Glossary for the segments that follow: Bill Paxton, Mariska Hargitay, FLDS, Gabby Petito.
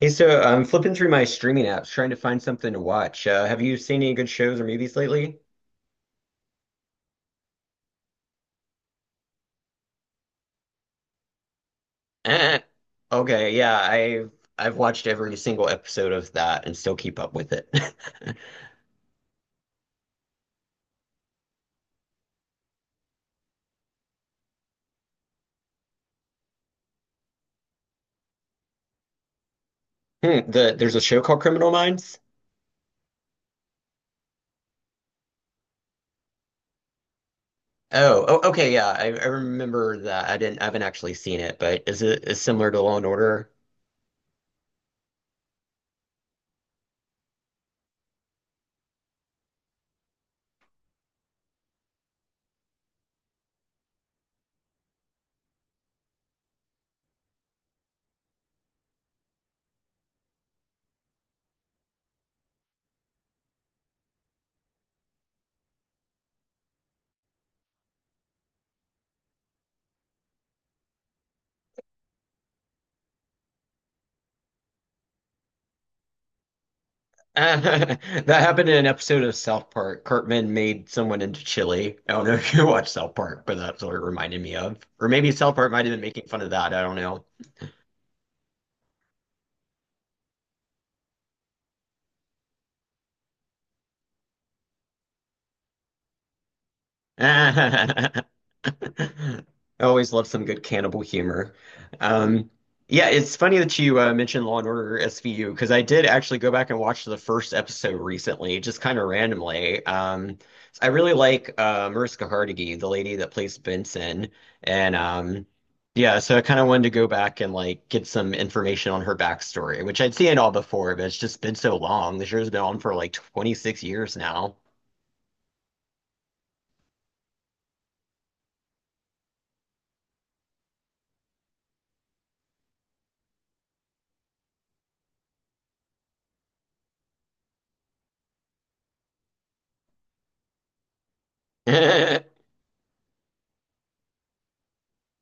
Hey, so I'm flipping through my streaming apps trying to find something to watch. Have you seen any good shows or movies lately? Eh. Okay, yeah, I've watched every single episode of that and still keep up with it. There's a show called Criminal Minds. Oh, okay, yeah, I remember that. I haven't actually seen it, but is it is similar to Law and Order? that happened in an episode of South Park. Cartman made someone into chili. I don't know if you watch South Park, but that's what it reminded me of. Or maybe South Park might have been making fun of that. I don't know. I always love some good cannibal humor. Um, yeah, it's funny that you mentioned Law and Order SVU because I did actually go back and watch the first episode recently, just kind of randomly. I really like Mariska Hargitay, the lady that plays Benson, and yeah, so I kind of wanted to go back and like get some information on her backstory, which I'd seen all before, but it's just been so long. The show's been on for like 26 years now.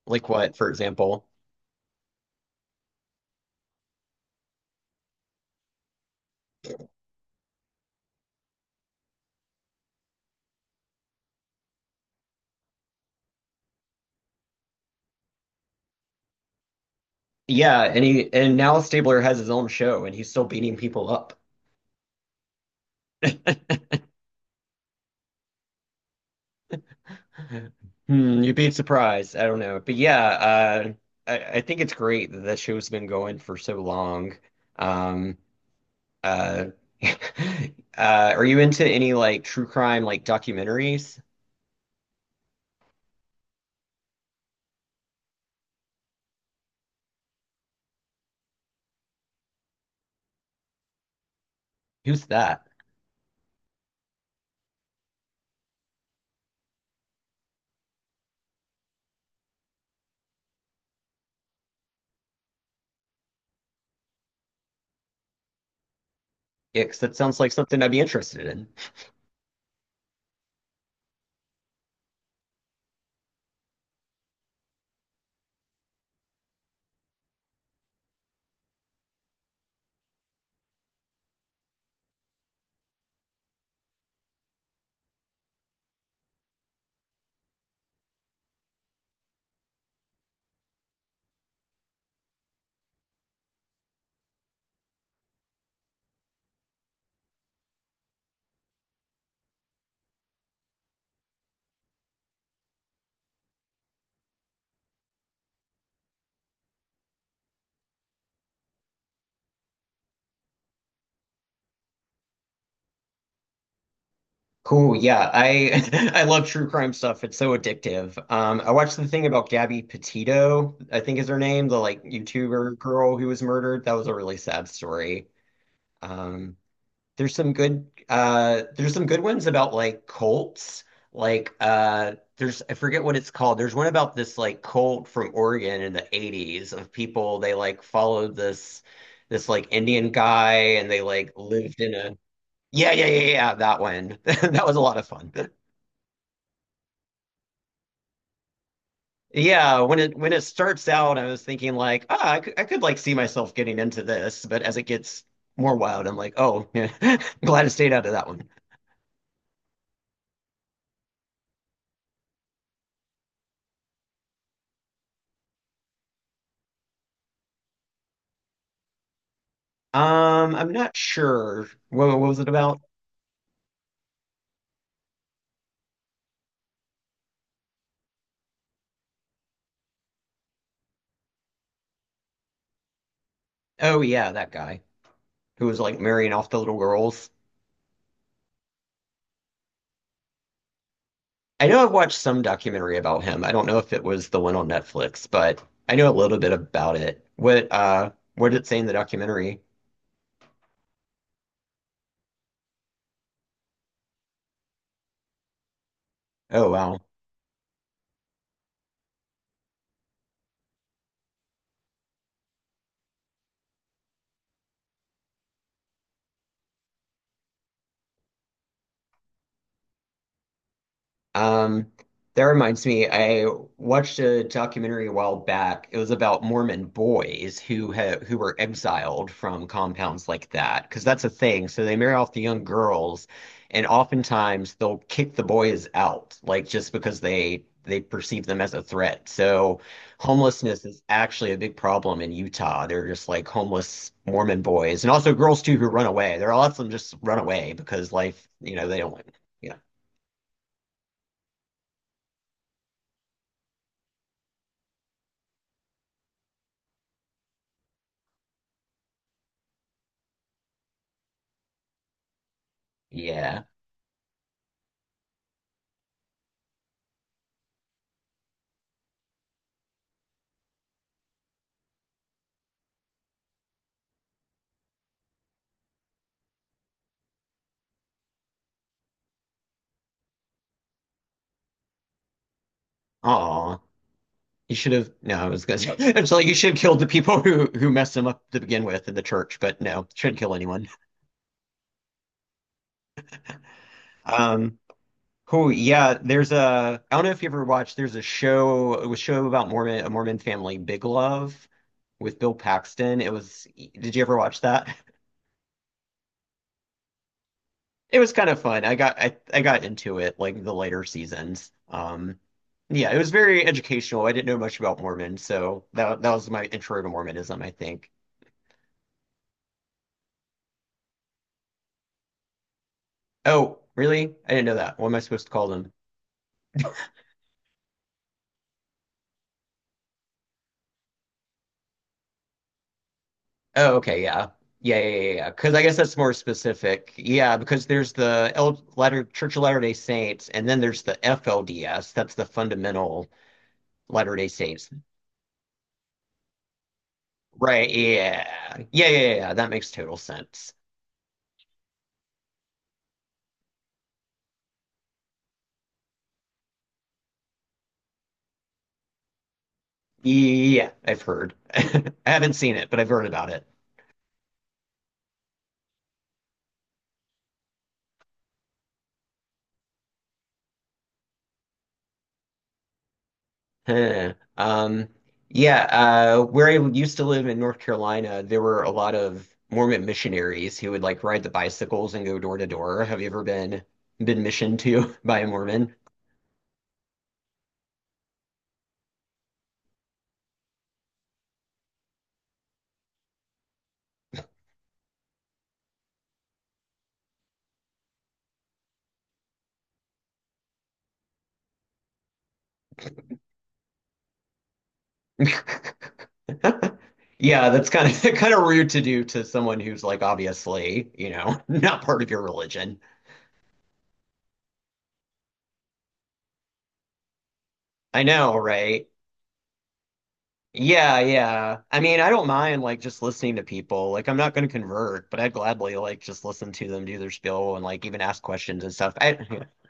Like what, for example? Yeah, and he and now Stabler has his own show and he's still beating people up. Hmm, you'd be surprised. I don't know. But yeah, I think it's great that that show's been going for so long. Um uh uh are you into any like true crime like documentaries? Who's that? Yeah, 'cause that sounds like something I'd be interested in. Cool. Yeah, I I love true crime stuff. It's so addictive. I watched the thing about Gabby Petito, I think is her name, the like YouTuber girl who was murdered. That was a really sad story. Um, there's some good ones about like cults. Like there's I forget what it's called. There's one about this like cult from Oregon in the 80s of people they like followed this like Indian guy and they like lived in a Yeah, yeah, yeah, yeah, that one. That was a lot of fun. Yeah, when it starts out, I was thinking like, ah, I could like see myself getting into this, but as it gets more wild, I'm like, oh, yeah, glad I stayed out of that one. I'm not sure. What was it about? Oh yeah, that guy who was like marrying off the little girls. I know I've watched some documentary about him. I don't know if it was the one on Netflix, but I know a little bit about it. What did it say in the documentary? Oh wow. Um, that reminds me, I watched a documentary a while back. It was about Mormon boys who ha who were exiled from compounds like that, because that's a thing. So they marry off the young girls, and oftentimes they'll kick the boys out, like just because they perceive them as a threat. So homelessness is actually a big problem in Utah. They're just like homeless Mormon boys, and also girls too who run away. There are lots of them just run away because life, you know, they don't. Yeah. Yeah. Aw, you should have. No, I was gonna say, it's like you should have killed the people who messed him up to begin with in the church, but no, shouldn't kill anyone. Um, cool. Yeah, there's a. I don't know if you ever watched. There's a show. It was a show about Mormon a Mormon family, Big Love, with Bill Paxton. It was. Did you ever watch that? It was kind of fun. I got into it like the later seasons. Yeah, it was very educational. I didn't know much about Mormon, so that was my intro to Mormonism, I think. Oh, really? I didn't know that. What am I supposed to call them? Oh, okay, yeah. Yeah, yeah, yeah, yeah. Because I guess that's more specific. Yeah, because there's the L Latter Church of Latter-day Saints, and then there's the FLDS. That's the fundamental Latter-day Saints. Right, yeah. Yeah, yeah, yeah, yeah. That makes total sense. Yeah, I've heard. I haven't seen it, but I've heard about it. Huh. Yeah, where I used to live in North Carolina, there were a lot of Mormon missionaries who would like ride the bicycles and go door to door. Have you ever been missioned to by a Mormon? Yeah, that's kind of kind of rude to do to someone who's like obviously, you know, not part of your religion. I know, right? Yeah, yeah. I mean, I don't mind like just listening to people. Like I'm not going to convert, but I'd gladly like just listen to them do their spiel and like even ask questions and stuff. I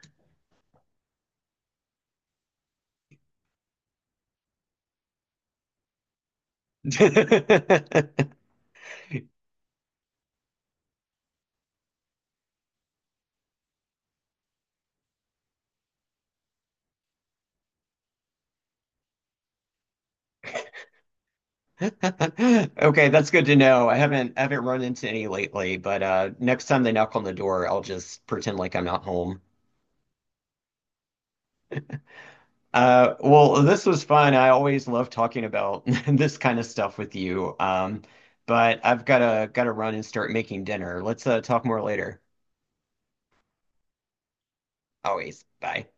Okay, that's good to know. I haven't run into any lately, but next time they knock on the door, I'll just pretend like I'm not home. Well, this was fun. I always love talking about this kind of stuff with you. But I've gotta run and start making dinner. Let's talk more later. Always. Bye.